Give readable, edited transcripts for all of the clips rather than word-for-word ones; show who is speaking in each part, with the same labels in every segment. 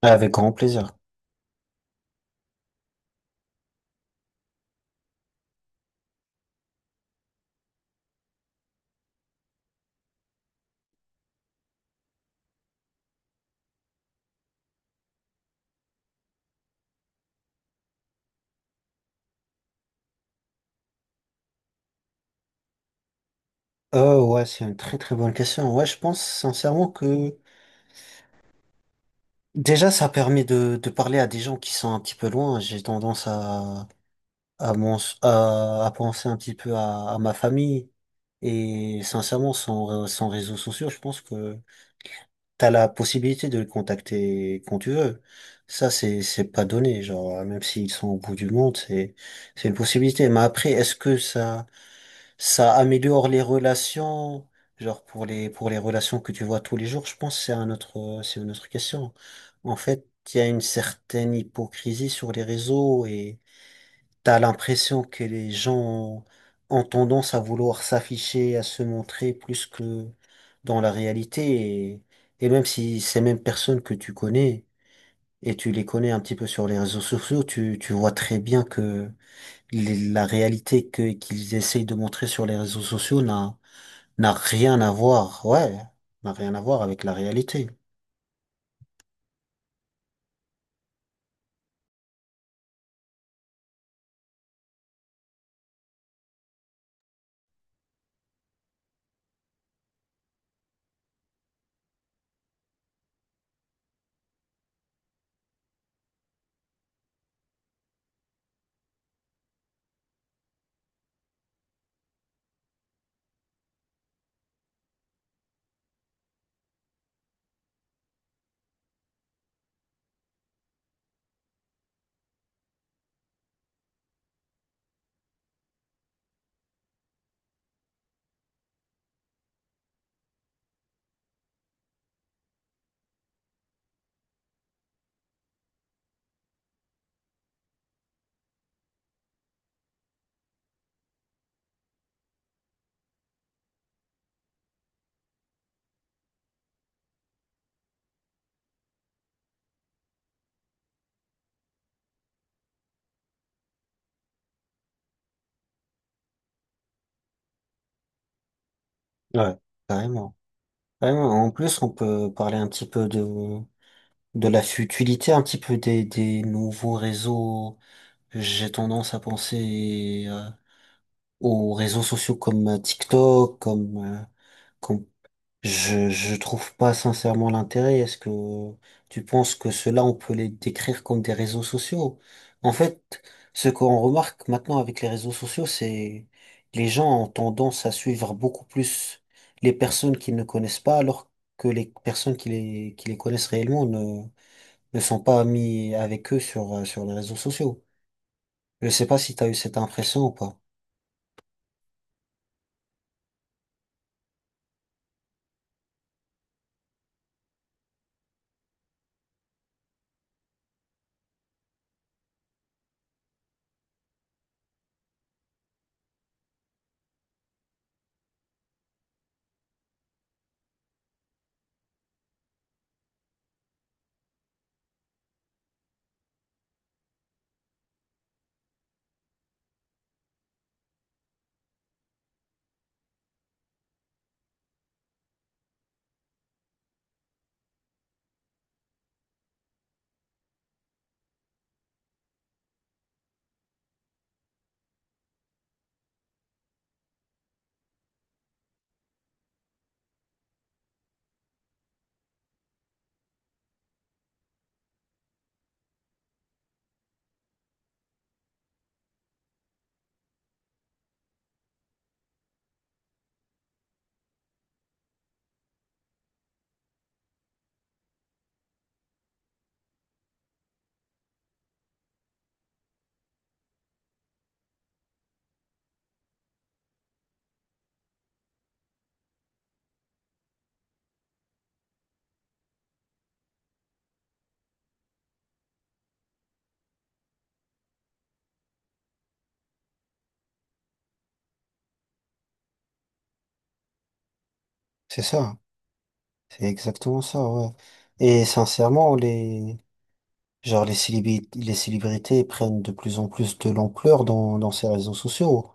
Speaker 1: Avec grand plaisir. Oh ouais, c'est une très très bonne question. Ouais, je pense sincèrement que déjà ça permet de parler à des gens qui sont un petit peu loin. J'ai tendance à penser un petit peu à ma famille. Et sincèrement, sans réseaux sociaux, je pense que t'as la possibilité de les contacter quand tu veux. Ça, c'est pas donné. Genre, même s'ils sont au bout du monde, c'est une possibilité. Mais après, est-ce que ça Ça améliore les relations, genre pour les relations que tu vois tous les jours, je pense que c'est une autre question. En fait, il y a une certaine hypocrisie sur les réseaux et t'as l'impression que les gens ont tendance à vouloir s'afficher, à se montrer plus que dans la réalité, et même si ces mêmes personnes que tu connais et tu les connais un petit peu sur les réseaux sociaux, tu vois très bien que la réalité que qu'ils essayent de montrer sur les réseaux sociaux n'a rien à voir, ouais, n'a rien à voir avec la réalité. Ouais. Carrément. Carrément. En plus, on peut parler un petit peu de la futilité, un petit peu des nouveaux réseaux. J'ai tendance à penser aux réseaux sociaux comme TikTok, comme je trouve pas sincèrement l'intérêt. Est-ce que tu penses que ceux-là, on peut les décrire comme des réseaux sociaux? En fait, ce qu'on remarque maintenant avec les réseaux sociaux, c'est les gens ont tendance à suivre beaucoup plus les personnes qu'ils ne connaissent pas, alors que les personnes qui les connaissent réellement ne sont pas amis avec eux sur, sur les réseaux sociaux. Je sais pas si tu as eu cette impression ou pas. C'est ça. C'est exactement ça, ouais. Et sincèrement, les... Genre les célébrités prennent de plus en plus de l'ampleur dans ces réseaux sociaux.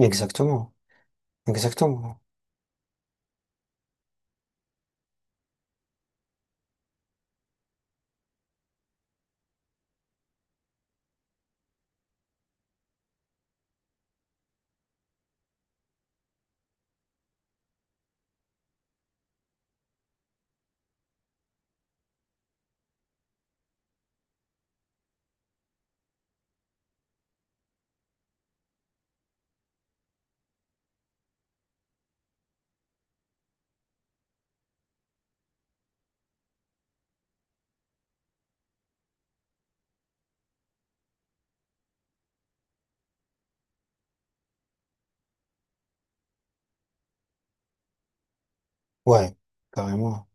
Speaker 1: Exactement, exactement. Ouais, carrément.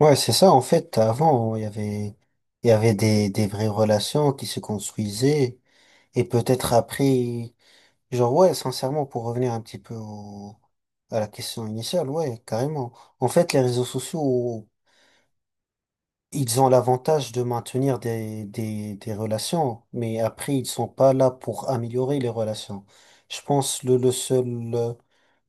Speaker 1: Ouais, c'est ça, en fait, avant, il y avait des vraies relations qui se construisaient, et peut-être après, genre, ouais, sincèrement, pour revenir un petit peu à la question initiale, ouais, carrément. En fait, les réseaux sociaux ils ont l'avantage de maintenir des relations, mais après, ils sont pas là pour améliorer les relations. Je pense euh,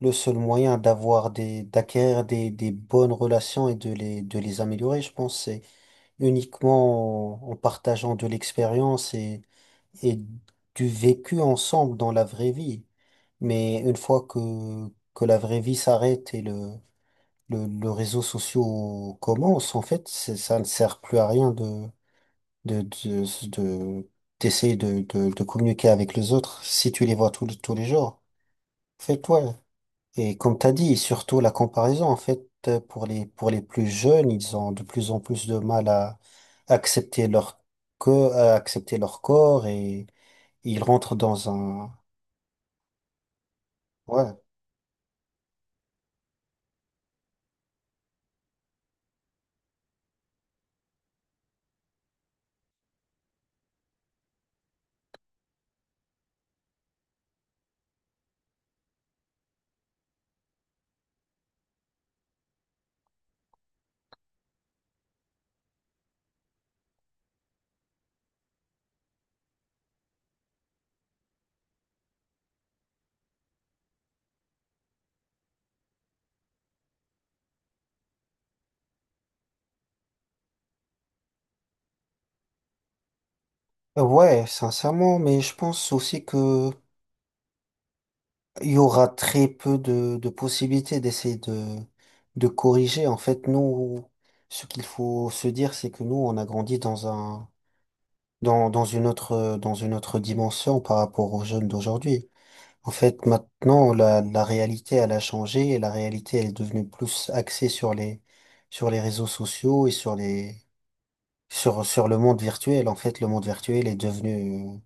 Speaker 1: le seul moyen d'avoir d'acquérir des bonnes relations et de de les améliorer, je pense, c'est uniquement en partageant de l'expérience et du vécu ensemble dans la vraie vie. Mais que la vraie vie s'arrête et le réseau social commence, en fait, c'est- ça ne sert plus à rien de, de, de- d'essayer de communiquer avec les autres si tu les vois tous les jours. En fait, ouais. Et comme t'as dit, surtout la comparaison, en fait, pour les plus jeunes, ils ont de plus en plus de mal à accepter à accepter leur corps et ils rentrent dans un, ouais. Ouais, sincèrement, mais je pense aussi que il y aura très peu de possibilités d'essayer de corriger. En fait, nous, ce qu'il faut se dire, c'est que nous, on a grandi dans une autre dimension par rapport aux jeunes d'aujourd'hui. En fait, maintenant, la réalité, elle a changé et la réalité, elle est devenue plus axée sur les réseaux sociaux et sur le monde virtuel. En fait, le monde virtuel est devenu,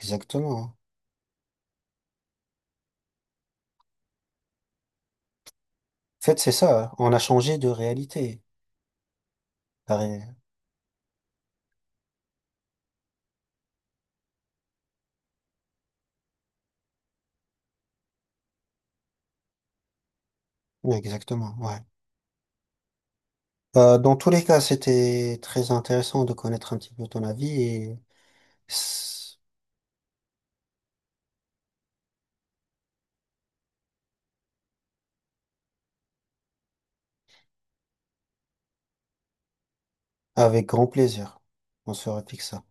Speaker 1: exactement. Hein. En fait, c'est ça. Hein. On a changé de réalité. Oui, exactement, ouais. Dans tous les cas, c'était très intéressant de connaître un petit peu ton avis et s- avec grand plaisir, on se refixe ça.